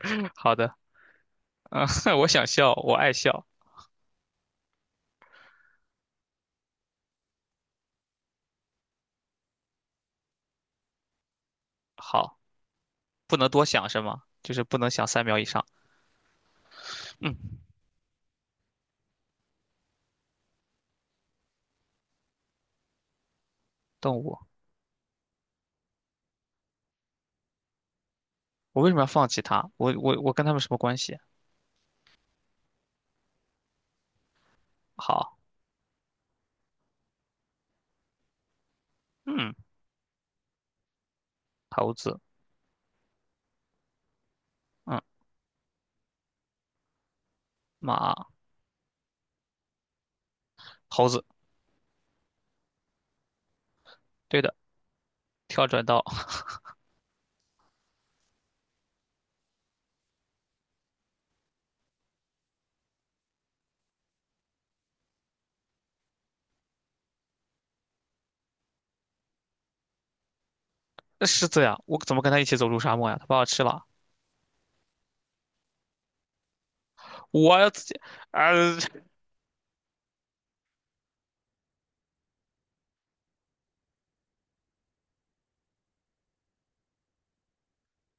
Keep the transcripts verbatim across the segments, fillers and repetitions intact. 好的。我想笑，我爱笑。好，不能多想是吗？就是不能想三秒以上。嗯，动物，我为什么要放弃它？我我我跟他们什么关系？好，嗯，猴子，嗯，马，猴子，对的。跳转到 狮子呀，我怎么跟他一起走入沙漠呀？他把我吃了，我要自己，啊、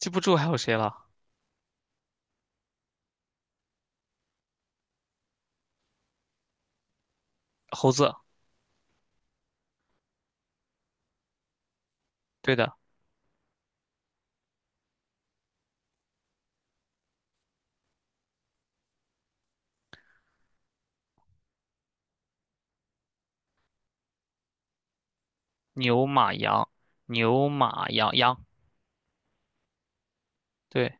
记不住还有谁了？猴子，对的。牛马羊，牛马羊羊，对，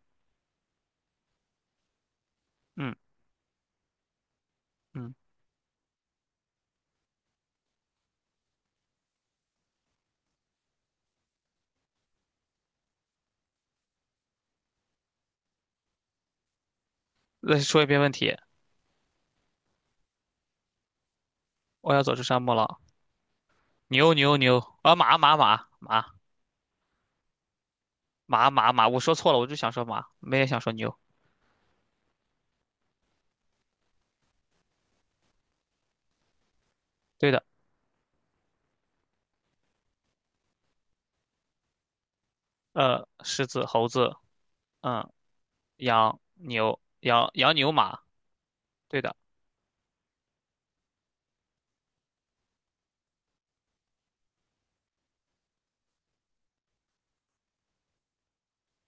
嗯嗯。再说一遍问题。我要走出沙漠了。牛牛牛啊马马马马马马马，我说错了，我就想说马，没也想说牛。对的。呃，狮子、猴子，嗯，羊、牛、羊、羊、牛、马，对的。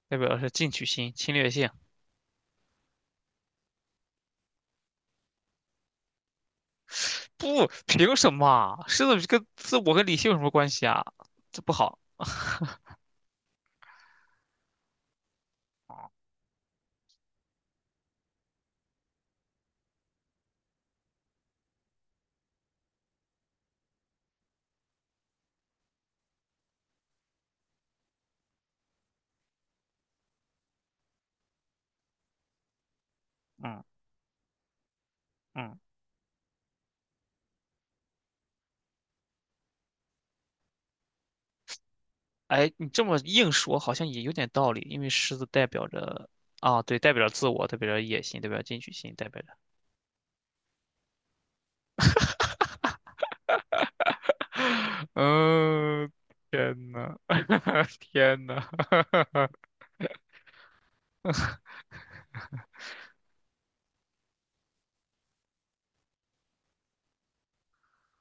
代表的是进取心、侵略性。不，凭什么啊狮子跟自我跟理性有什么关系啊？这不好。嗯嗯，哎，你这么硬说好像也有点道理，因为狮子代表着啊，对，代表着自我，代表着野心，代表着进取心，代表着。嗯，天呐，天呐，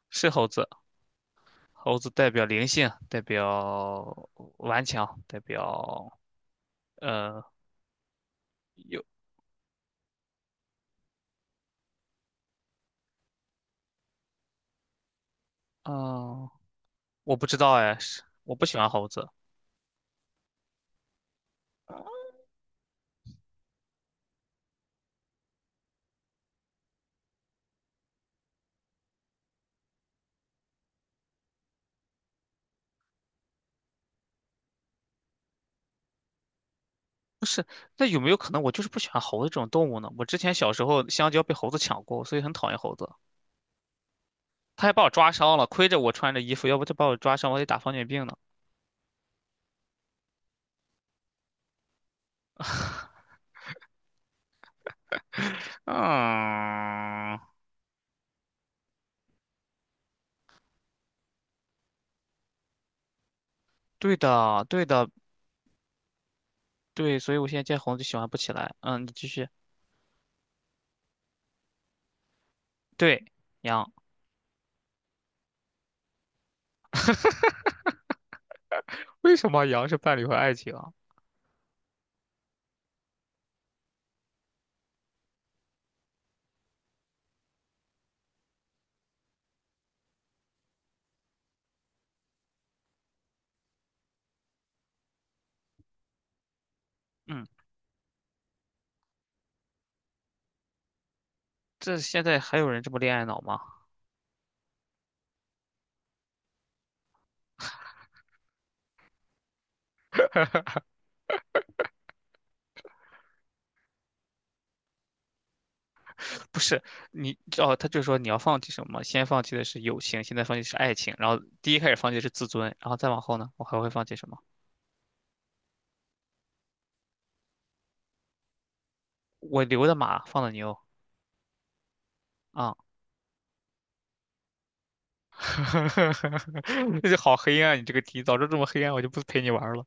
是猴子，猴子代表灵性，代表顽强，代表呃有嗯、呃我不知道哎，是我不喜欢猴子。不是，那有没有可能我就是不喜欢猴子这种动物呢？我之前小时候香蕉被猴子抢过，所以很讨厌猴子，它还把我抓伤了，亏着我穿着衣服，要不就把我抓伤，我得打狂犬病呢。嗯，对的，对的。对，所以我现在见红就喜欢不起来。嗯，你继续。对，羊，为什么羊是伴侣和爱情啊？嗯，这现在还有人这么恋爱脑吗？不是，你哦，他就说你要放弃什么？先放弃的是友情，现在放弃是爱情，然后第一开始放弃的是自尊，然后再往后呢，我还会放弃什么？我留的马，放的牛啊。这就好黑暗，你这个题，早知道这么黑暗，我就不陪你玩了。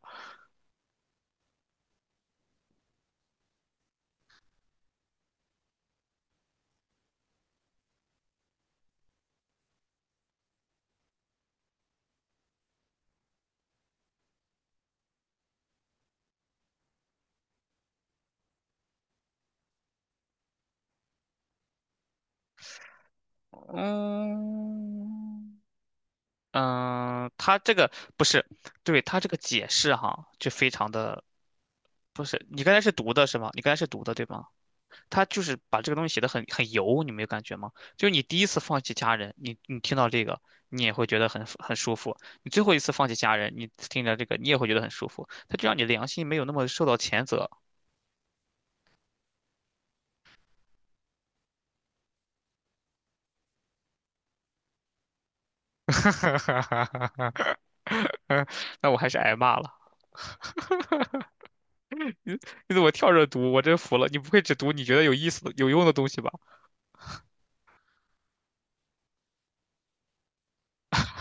嗯，他这个不是，对，他这个解释哈，就非常的不是。你刚才是读的是吗？你刚才是读的对吗？他就是把这个东西写的很很油，你没有感觉吗？就是你第一次放弃家人，你你听到这个，你也会觉得很很舒服；你最后一次放弃家人，你听着这个，你也会觉得很舒服。他就让你良心没有那么受到谴责。那我还是挨骂了。你怎么跳着读？我真服了，你不会只读你觉得有意思的、有用的东西吧？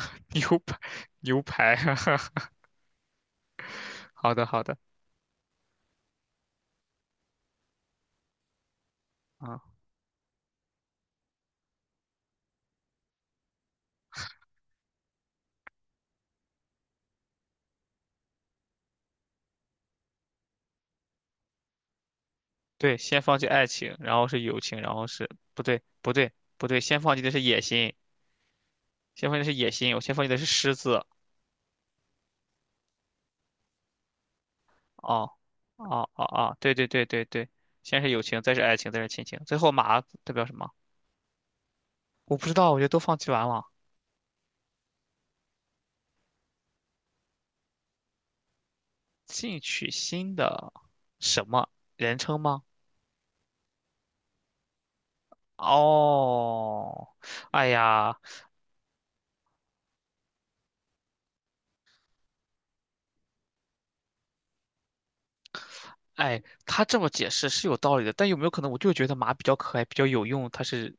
牛排，牛排，好的，好的。啊，对，先放弃爱情，然后是友情，然后是不对，不对，不对，先放弃的是野心，先放弃的是野心，我先放弃的是狮子。哦，哦，哦，哦，对对对对对，先是友情，再是爱情，再是亲情，最后马代表什么？我不知道，我觉得都放弃完了，进取心的什么人称吗？哦，哎呀，哎，他这么解释是有道理的，但有没有可能我就觉得马比较可爱，比较有用？它是，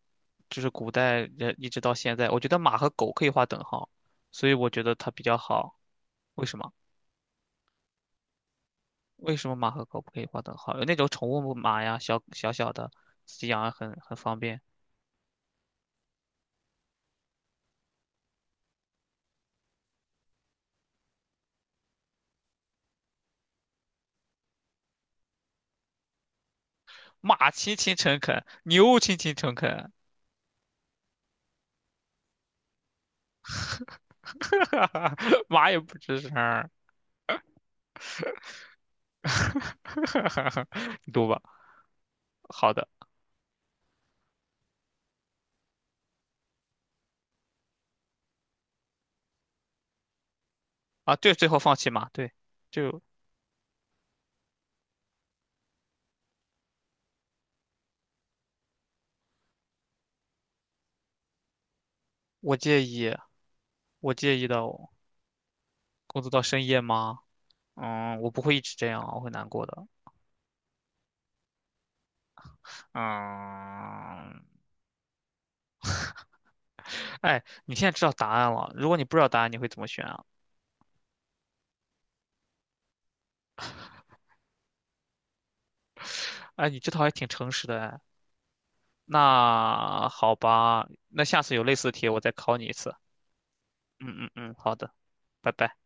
就是古代人一直到现在，我觉得马和狗可以划等号，所以我觉得它比较好。为什么？为什么马和狗不可以划等号？有那种宠物马呀，小小小的，自己养很很方便。马勤勤诚恳，牛勤勤诚恳，马也不吱声儿，你读吧。好的啊，对，最后放弃马，对，就我介意，我介意的。工作到深夜吗？嗯，我不会一直这样啊，我会难过的。嗯，哎，你现在知道答案了。如果你不知道答案，你会怎么选啊？哎，你这套还挺诚实的哎。那好吧，那下次有类似的题，我再考你一次。嗯嗯嗯，好的，拜拜。